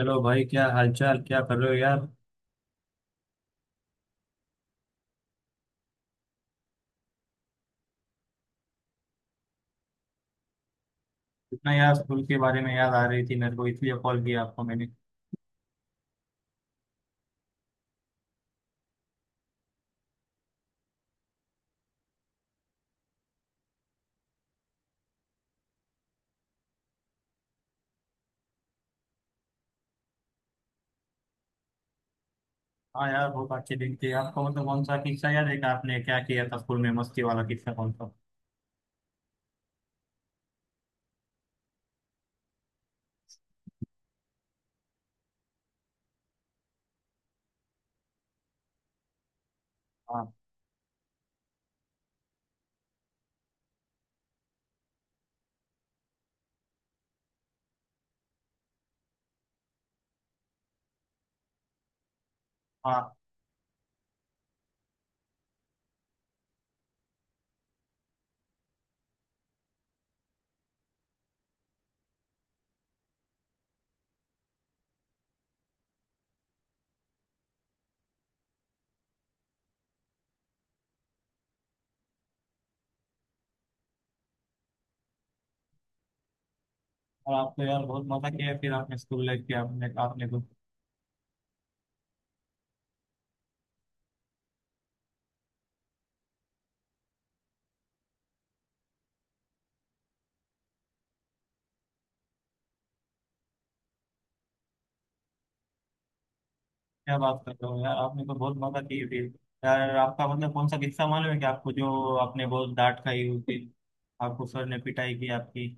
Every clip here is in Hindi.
हेलो भाई, क्या हालचाल, क्या कर रहे हो यार। इतना यार स्कूल के बारे में याद आ रही थी मेरे को, इसलिए कॉल किया आपको मैंने। हाँ यार, बहुत अच्छे दिन थे। आपको मतलब कौन सा किस्सा याद है कि आपने क्या किया था स्कूल में, मस्ती वाला किस्सा कौन सा। हाँ, हाँ। और आप तो यार बहुत मजा किया फिर आपने स्कूल लाइफ की, आपने आपने तो। क्या बात कर रहे हो यार, आपने तो बहुत मजा की फिर। यार आपका मतलब कौन सा किस्सा मालूम है कि आपको, जो आपने बहुत डांट खाई उस दिन, आपको सर ने पिटाई की आपकी।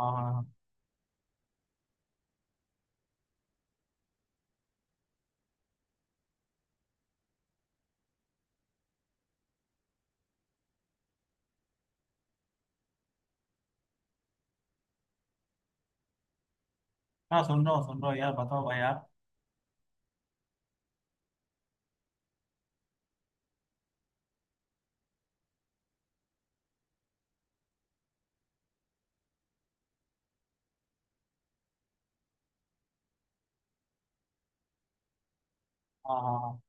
हाँ हाँ हाँ। हाँ, सुन रहा हूँ, सुन रहा हूँ यार, बताओ भाई आप। हाँ हाँ हाँ।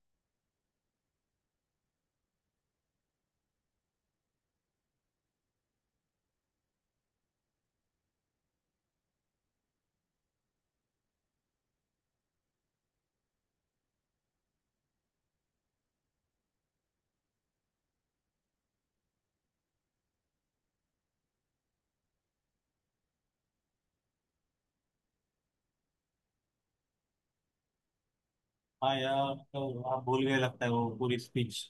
हाँ यार, तो आप भूल गए लगता है वो पूरी स्पीच।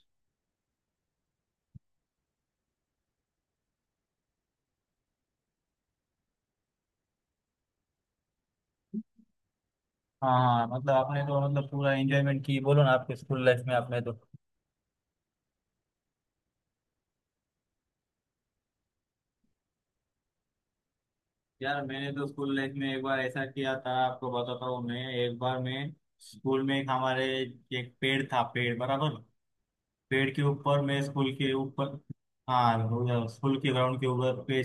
हाँ हाँ, मतलब आपने तो मतलब पूरा एंजॉयमेंट की बोलो ना, आपके स्कूल लाइफ में आपने तो। यार मैंने तो स्कूल लाइफ में एक बार ऐसा किया था, आपको बताता हूँ मैं। एक बार मैं स्कूल में एक हमारे एक पेड़ था, पेड़ बराबर। पेड़ के ऊपर मैं, स्कूल के ऊपर। हाँ, स्कूल के ग्राउंड के ऊपर पे।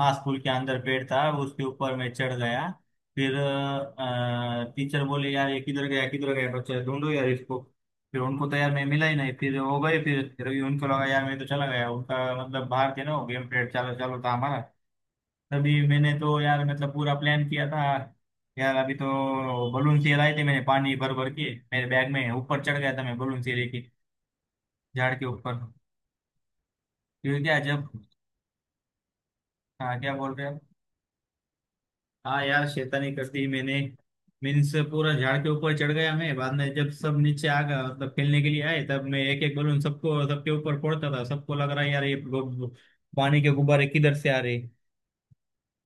हाँ, स्कूल के अंदर पेड़ था, उसके ऊपर मैं चढ़ गया। फिर टीचर बोले यार ये किधर गया, किधर गया बच्चा, ढूंढो यार इसको। फिर उनको तो यार मैं मिला ही नहीं, फिर हो गए, फिर भी उनको लगा यार मैं तो चला गया उनका। मतलब बाहर थे ना, गेम पीरियड चालू चालू था हमारा। तभी मैंने तो यार मतलब पूरा प्लान किया था। यार अभी तो बलून से लाए थे, मैंने पानी भर भर के मेरे बैग में ऊपर चढ़ गया था मैं, बलून से लेके झाड़ के ऊपर। फिर क्या जब। हाँ, क्या बोल रहे हो। हाँ यार, शैतानी कर दी मैंने। मीन्स पूरा झाड़ के ऊपर चढ़ गया मैं। बाद में जब सब नीचे आ गया मतलब खेलने के लिए आए, तब मैं एक एक बलून सबको, सबके ऊपर फोड़ता था। सबको लग रहा है यार ये पानी के गुब्बारे किधर से आ रहे।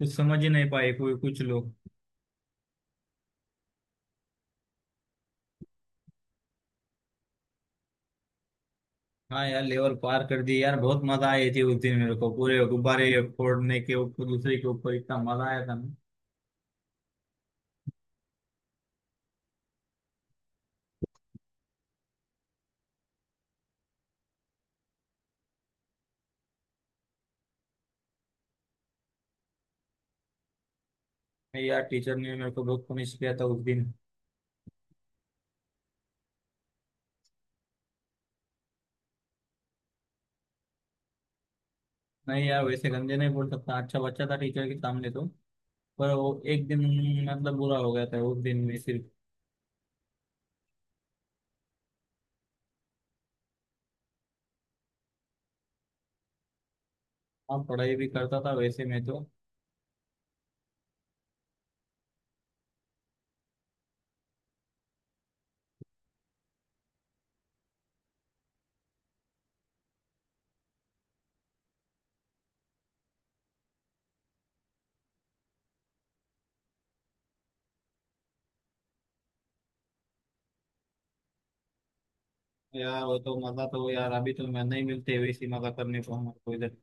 कुछ समझ ही नहीं पाए कोई, कुछ लोग। हाँ यार, लेवल पार कर दी यार, बहुत मजा आई थी उस दिन मेरे को पूरे गुब्बारे फोड़ने के, ऊपर दूसरे के ऊपर, इतना मजा आया था ना। नहीं यार, टीचर ने मेरे को बहुत पनिश किया था उस दिन। नहीं यार, वैसे गंदे नहीं बोल सकता, अच्छा बच्चा था टीचर के सामने तो। पर वो एक दिन मतलब बुरा हो गया था, उस दिन में सिर्फ। हाँ, पढ़ाई भी करता था वैसे मैं तो। यार वो तो मजा तो यार, अभी तो मैं नहीं मिलते वैसी मजा करने को हमारे को इधर।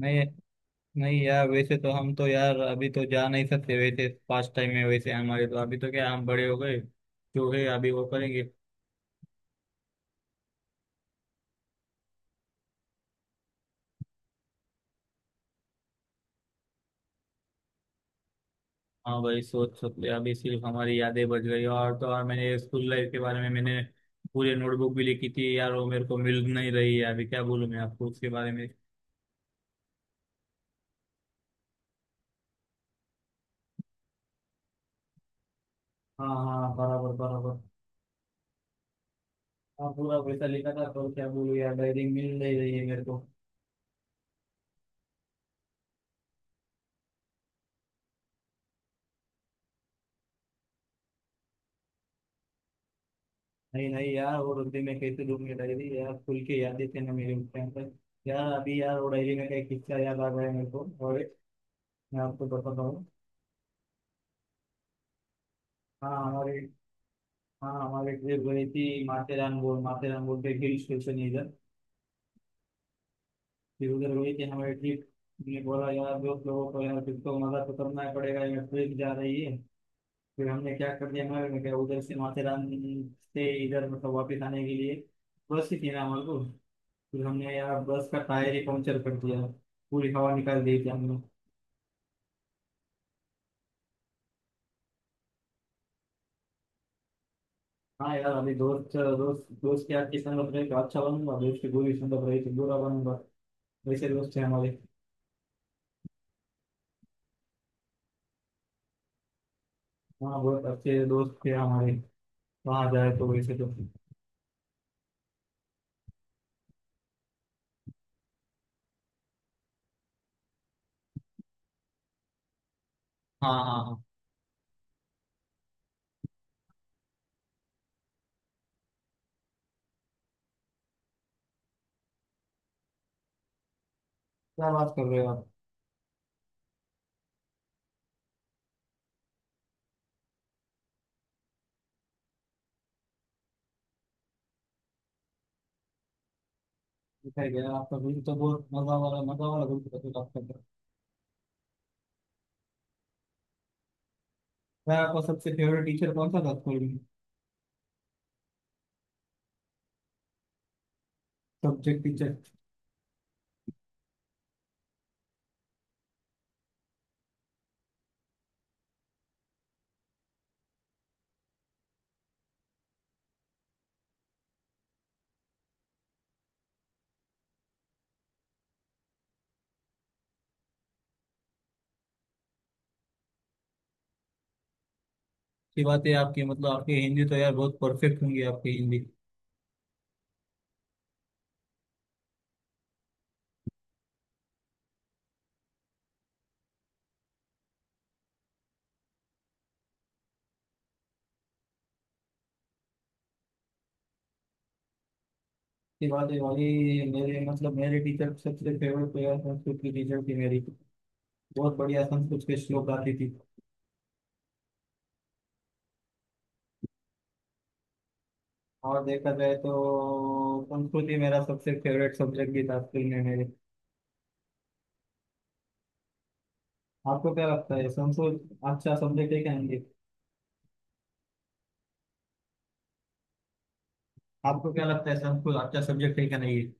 नहीं नहीं यार, वैसे तो हम तो यार अभी तो जा नहीं सकते वैसे पास्ट टाइम में, वैसे हमारे तो अभी तो क्या, हम बड़े हो गए, जो है अभी वो करेंगे। हाँ भाई, सोच सकते अभी, सिर्फ हमारी यादें बच गई और तो और। मैंने स्कूल लाइफ के बारे में मैंने पूरी नोटबुक भी लिखी थी यार, वो मेरे को मिल नहीं रही है अभी, क्या बोलूँ मैं आपको उसके बारे में। हाँ हाँ, बराबर बराबर। हाँ, पूरा पैसा लिखा था, तो क्या बोलूँ यार, डायरी मिल नहीं रही है मेरे को। नहीं नहीं यार, वो रुपये में कैसे दूंगी डायरी यार, खुल के याद देते ना मेरे उस टाइम पर। यार अभी यार वो डायरी में का एक किस्सा याद आ गया है मेरे को, और मैं आपको बताता हूँ। हाँ हमारे, हाँ हमारे ट्रिप गई थी माथेरान बोल, माथेरान बोल के हिल स्टेशन है इधर। फिर उधर गई थी हमारे ट्रिप, ने बोला यार दोस्त लोगों को, यार ट्रिप को मजा तो करना ही पड़ेगा यार, ट्रिप जा रही है। फिर हमने क्या कर दिया, हमारे में क्या, उधर से माथेरान से इधर मतलब वापस आने के लिए बस ही थी ना हमारे को, फिर हमने यार बस का टायर ही पंक्चर कर दिया, पूरी हवा निकाल दी थी हमने। हाँ यार, अभी दोस्त दोस्त दोस्त के यार, किसान बन रहे तो अच्छा बनूंगा, दोस्त की गोली सुन रही थी, बुरा बनूंगा वैसे, दोस्त थे हमारे। हाँ, बहुत अच्छे दोस्त थे हमारे, वहाँ जाए तो वैसे तो। हाँ हाँ हाँ। क्या बात कर रहे हो आप। बताया गया आपका दिन तो बहुत मजा वाला, मजा वाला दिन था तो आपका तो। यार आपका सबसे फेवरेट टीचर कौन सा था स्कूल में, सब्जेक्ट टीचर। की बात है आपकी, मतलब आपकी हिंदी तो यार बहुत परफेक्ट होंगी, आपकी हिंदी। की बात है भाई। मेरे मतलब मेरे टीचर सबसे फेवरेट प्लेयर संस्कृत की टीचर थी मेरी, बहुत बढ़िया संस्कृत के श्लोक गाती थी। और देखा जाए तो संस्कृत ही मेरा सबसे फेवरेट सब्जेक्ट भी था स्कूल में मेरे। आपको क्या लगता है, संस्कृत अच्छा सब्जेक्ट है क्या, नहीं है? आपको क्या लगता है, संस्कृत अच्छा सब्जेक्ट है क्या, नहीं है?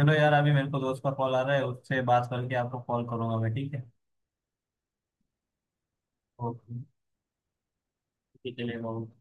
चलो यार, अभी मेरे को दोस्त का कॉल आ रहा है, उससे बात करके आपको कॉल करूंगा मैं, ठीक है। ओके, चलिए बहुत।